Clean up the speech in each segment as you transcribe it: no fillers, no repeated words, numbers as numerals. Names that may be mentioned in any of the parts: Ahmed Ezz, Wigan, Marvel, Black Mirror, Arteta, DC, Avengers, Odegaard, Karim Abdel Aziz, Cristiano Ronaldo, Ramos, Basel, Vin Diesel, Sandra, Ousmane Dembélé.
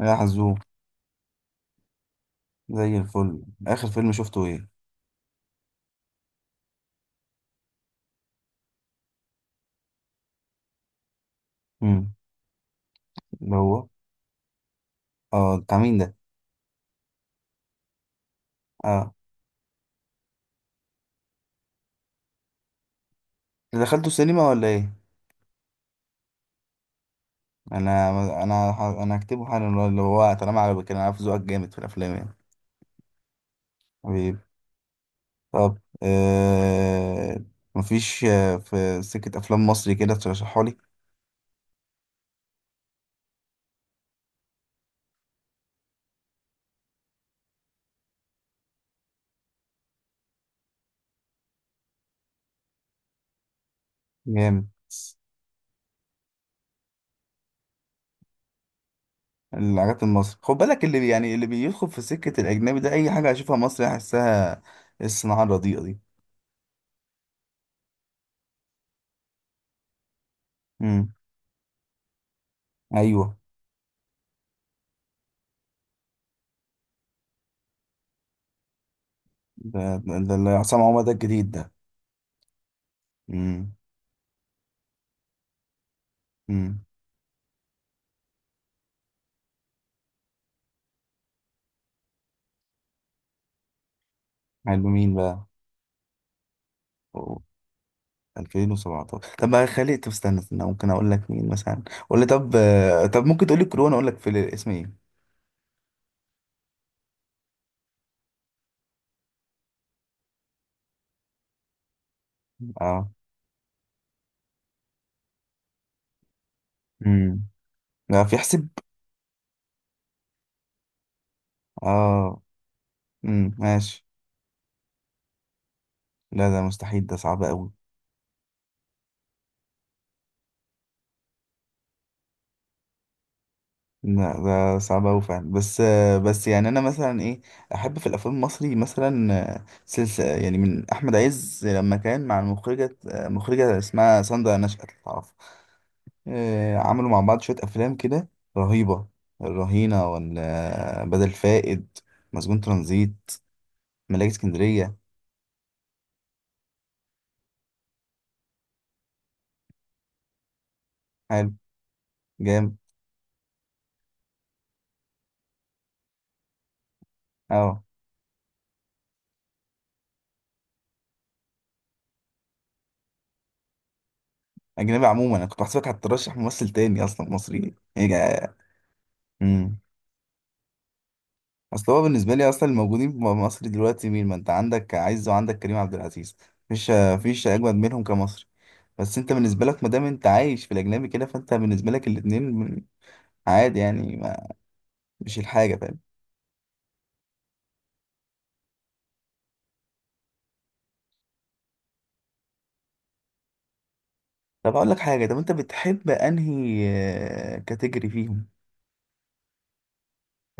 يا حزوم، زي الفل. اخر فيلم شفته ايه؟ امم اللي هو اه بتاع مين ده؟ اه، اللي دخلته السينما ولا ايه؟ انا انا هكتبه حالا. اللي هو طالما عجبك، انا عارف ذوقك جامد في الافلام يعني. حبيبي. طب، آه مفيش، في سكة افلام مصري كده ترشحها لي؟ جامد. الحاجات المصري خد بالك، اللي يعني اللي بيدخل في سكة الاجنبي ده، اي حاجة هشوفها مصري احسها الصناعة الرديئة دي. امم ايوه. ده اللي عصام عمر ده الجديد ده. امم امم حلو. مين بقى؟ أوه. 2017. طب بقى، خلي، طب استنى استنى، ممكن اقول لك مين مثلا. قول لي، طب، طب ممكن تقول لي كورونا اقول لك في الاسم ايه. اه. امم لا، في حسب. اه. ماشي. لا، ده مستحيل، ده صعب قوي. لا، ده صعب قوي فعلا. بس يعني انا مثلا ايه. احب في الافلام المصري مثلا سلسله يعني من احمد عز لما كان مع المخرجه آه، مخرجه اسمها ساندra نشأت لو تعرفها. عملوا مع بعض شوية أفلام كده. رهيبة. الرهينة، ولا بدل فائد، مسجون ترانزيت، ملاك اسكندرية. حلو. جامد. اه. أجنبي عموما. أنا كنت بحسبك هترشح ممثل تاني أصلا مصري إيه. امم أصل هو بالنسبة لي أصلا، الموجودين في مصر دلوقتي مين؟ ما أنت عندك عز وعندك كريم عبد العزيز. مفيش أجمد منهم كمصري. بس أنت بالنسبة لك، ما دام أنت عايش في الأجنبي كده، فأنت بالنسبة لك الاتنين عادي يعني. ما مش الحاجة فاهم. طب اقول لك حاجه، طب انت بتحب انهي كاتيجوري فيهم؟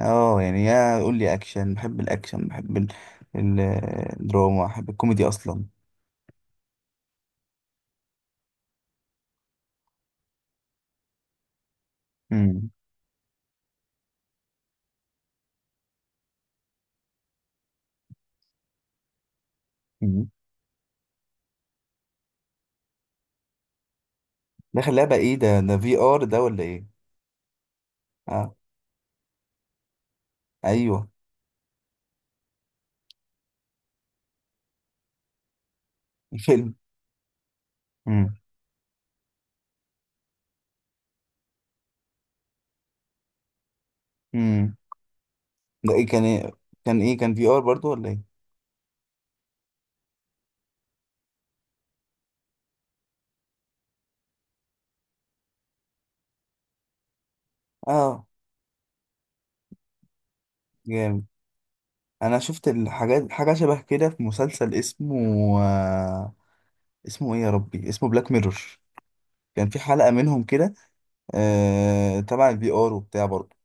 اه يعني، يا قول لي اكشن بحب الاكشن، بحب ال- الدراما، بحب الكوميدي اصلا. امم أمم. داخل لعبه ايه ده ده في ار ده ولا ايه؟ اه، ايوه، فيلم. امم امم ده ايه كان إيه؟ كان في ار برضو ولا ايه؟ اه، جامد. انا شفت حاجه شبه كده في مسلسل اسمه آه، اسمه ايه يا ربي، اسمه بلاك ميرور. كان في حلقه منهم كده، تبع البي ار وبتاع برضه.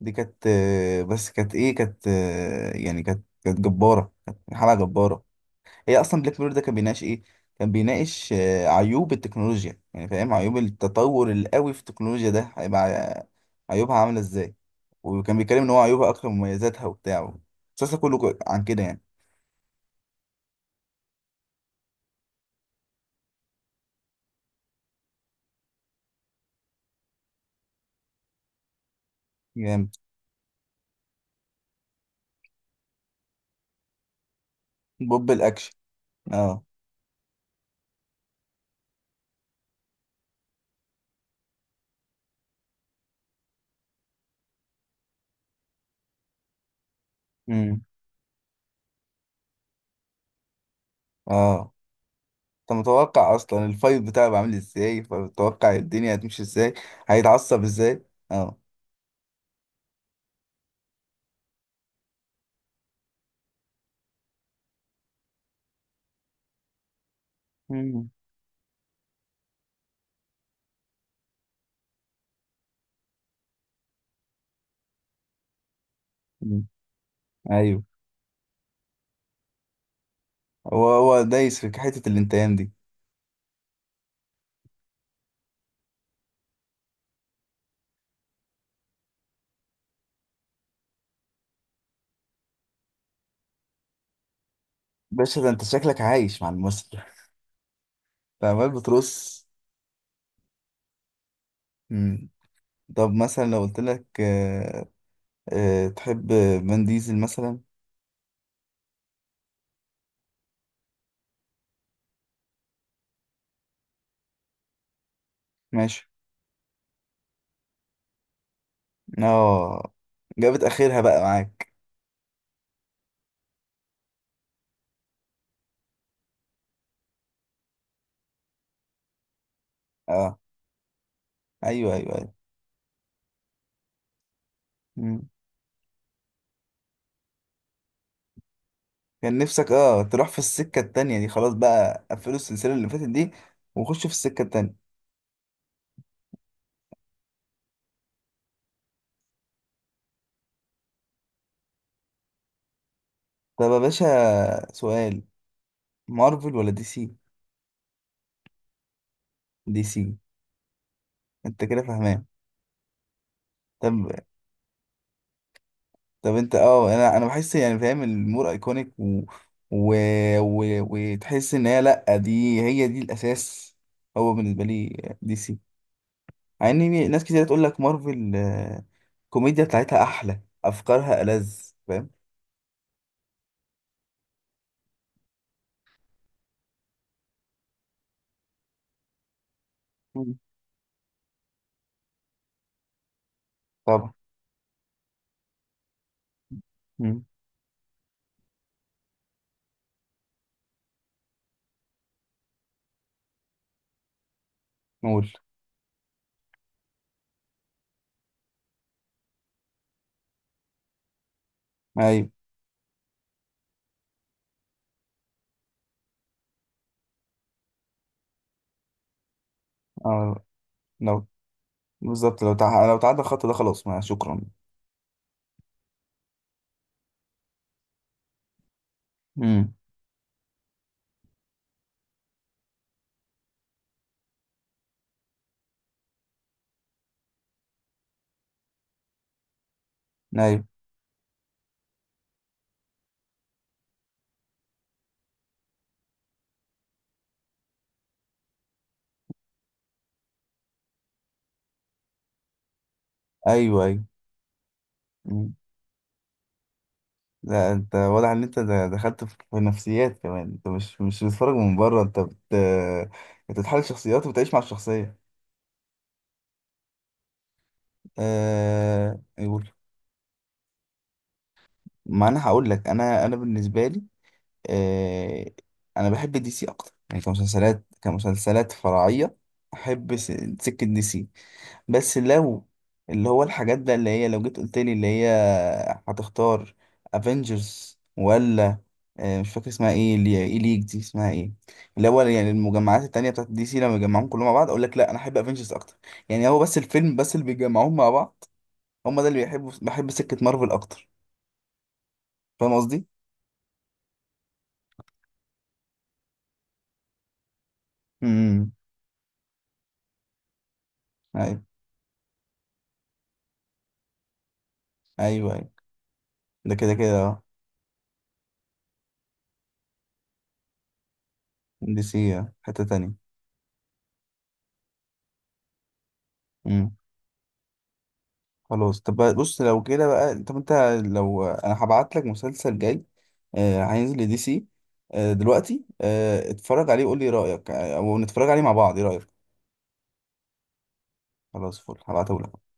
دي كانت، بس كانت ايه، كانت آه يعني كانت جبارة، كانت حلقة جبارة. هي اصلا بلاك ميرور ده كان بيناقش ايه؟ كان بيناقش عيوب التكنولوجيا، يعني فاهم، عيوب التطور القوي في التكنولوجيا، ده هيبقى عيوبها عاملة ازاي. وكان بيتكلم ان هو عيوبها اكتر من مميزاتها وبتاع، المسلسل كله عن كده يعني. جامد. بوب الاكشن. اه. امم اه. انت متوقع اصلا الفايت بتاعه بيبقى عامل ازاي، فمتوقع الدنيا هتمشي ازاي، هيتعصب ازاي. اه. مم. مم. ايوه. هو هو دايس في حته الانتقام دي. باشا، ده انت شكلك عايش مع الممثل. انت عمال بترص. مم. طب مثلا لو قلت لك، تحب فان ديزل مثلا؟ ماشي. اه، جابت اخرها بقى معاك. اه، ايوه، ايوه، ايوه. مم. كان نفسك تروح في السكه التانيه دي، خلاص بقى قفلوا السلسله اللي فاتت دي وخشوا في السكه التانيه. طب يا باشا، سؤال، مارفل ولا دي سي؟ دي سي. انت كده فاهمان. طب، طب انت اه انا انا بحس يعني فاهم الامور ايكونيك، و... و... وتحس ان هي، لا، دي هي دي الاساس. هو بالنسبه لي دي سي، مع ان ناس كتير تقول لك مارفل، الكوميديا بتاعتها احلى، افكارها ألذ، فاهم. مم. طبعا. مم. نقول. ايوه. اه. لو، بالظبط لو تعدى الخط ده، خلاص ما شكرا. مم. ايوه. ايوه. ايوه. لا، انت واضح ان انت دخلت في نفسيات كمان، انت مش بتتفرج من بره، انت بتتحلل شخصيات وبتعيش مع الشخصيه. يقول. ما انا هقول لك، انا بالنسبه لي، أه... انا بحب دي سي اكتر. يعني كمسلسلات فرعيه، احب سكه دي سي. بس لو، اللي هو الحاجات بقى اللي هي، لو جيت قلت لي اللي هي هتختار افنجرز، ولا مش فاكر اسمها ايه، اللي ايه، ليج دي اسمها ايه، اللي هو يعني المجمعات التانية بتاعت دي سي لما يجمعوهم كلهم مع بعض، اقول لك لا، انا احب افنجرز اكتر. يعني هو بس الفيلم بس اللي بيجمعوهم مع بعض، هم ده اللي بيحبوا، بحب سكة مارفل اكتر، فاهم قصدي. امم ايوه. ايوه. ايوه. ده كده كده اه. دي سي، حتة تانية. امم خلاص. طب بص، لو كده بقى، طب انت، لو انا هبعت لك مسلسل جاي هينزل لدي سي، دلوقتي، اتفرج عليه وقول لي رأيك، او نتفرج عليه مع بعض، ايه رأيك؟ خلاص فل، هبعته لك.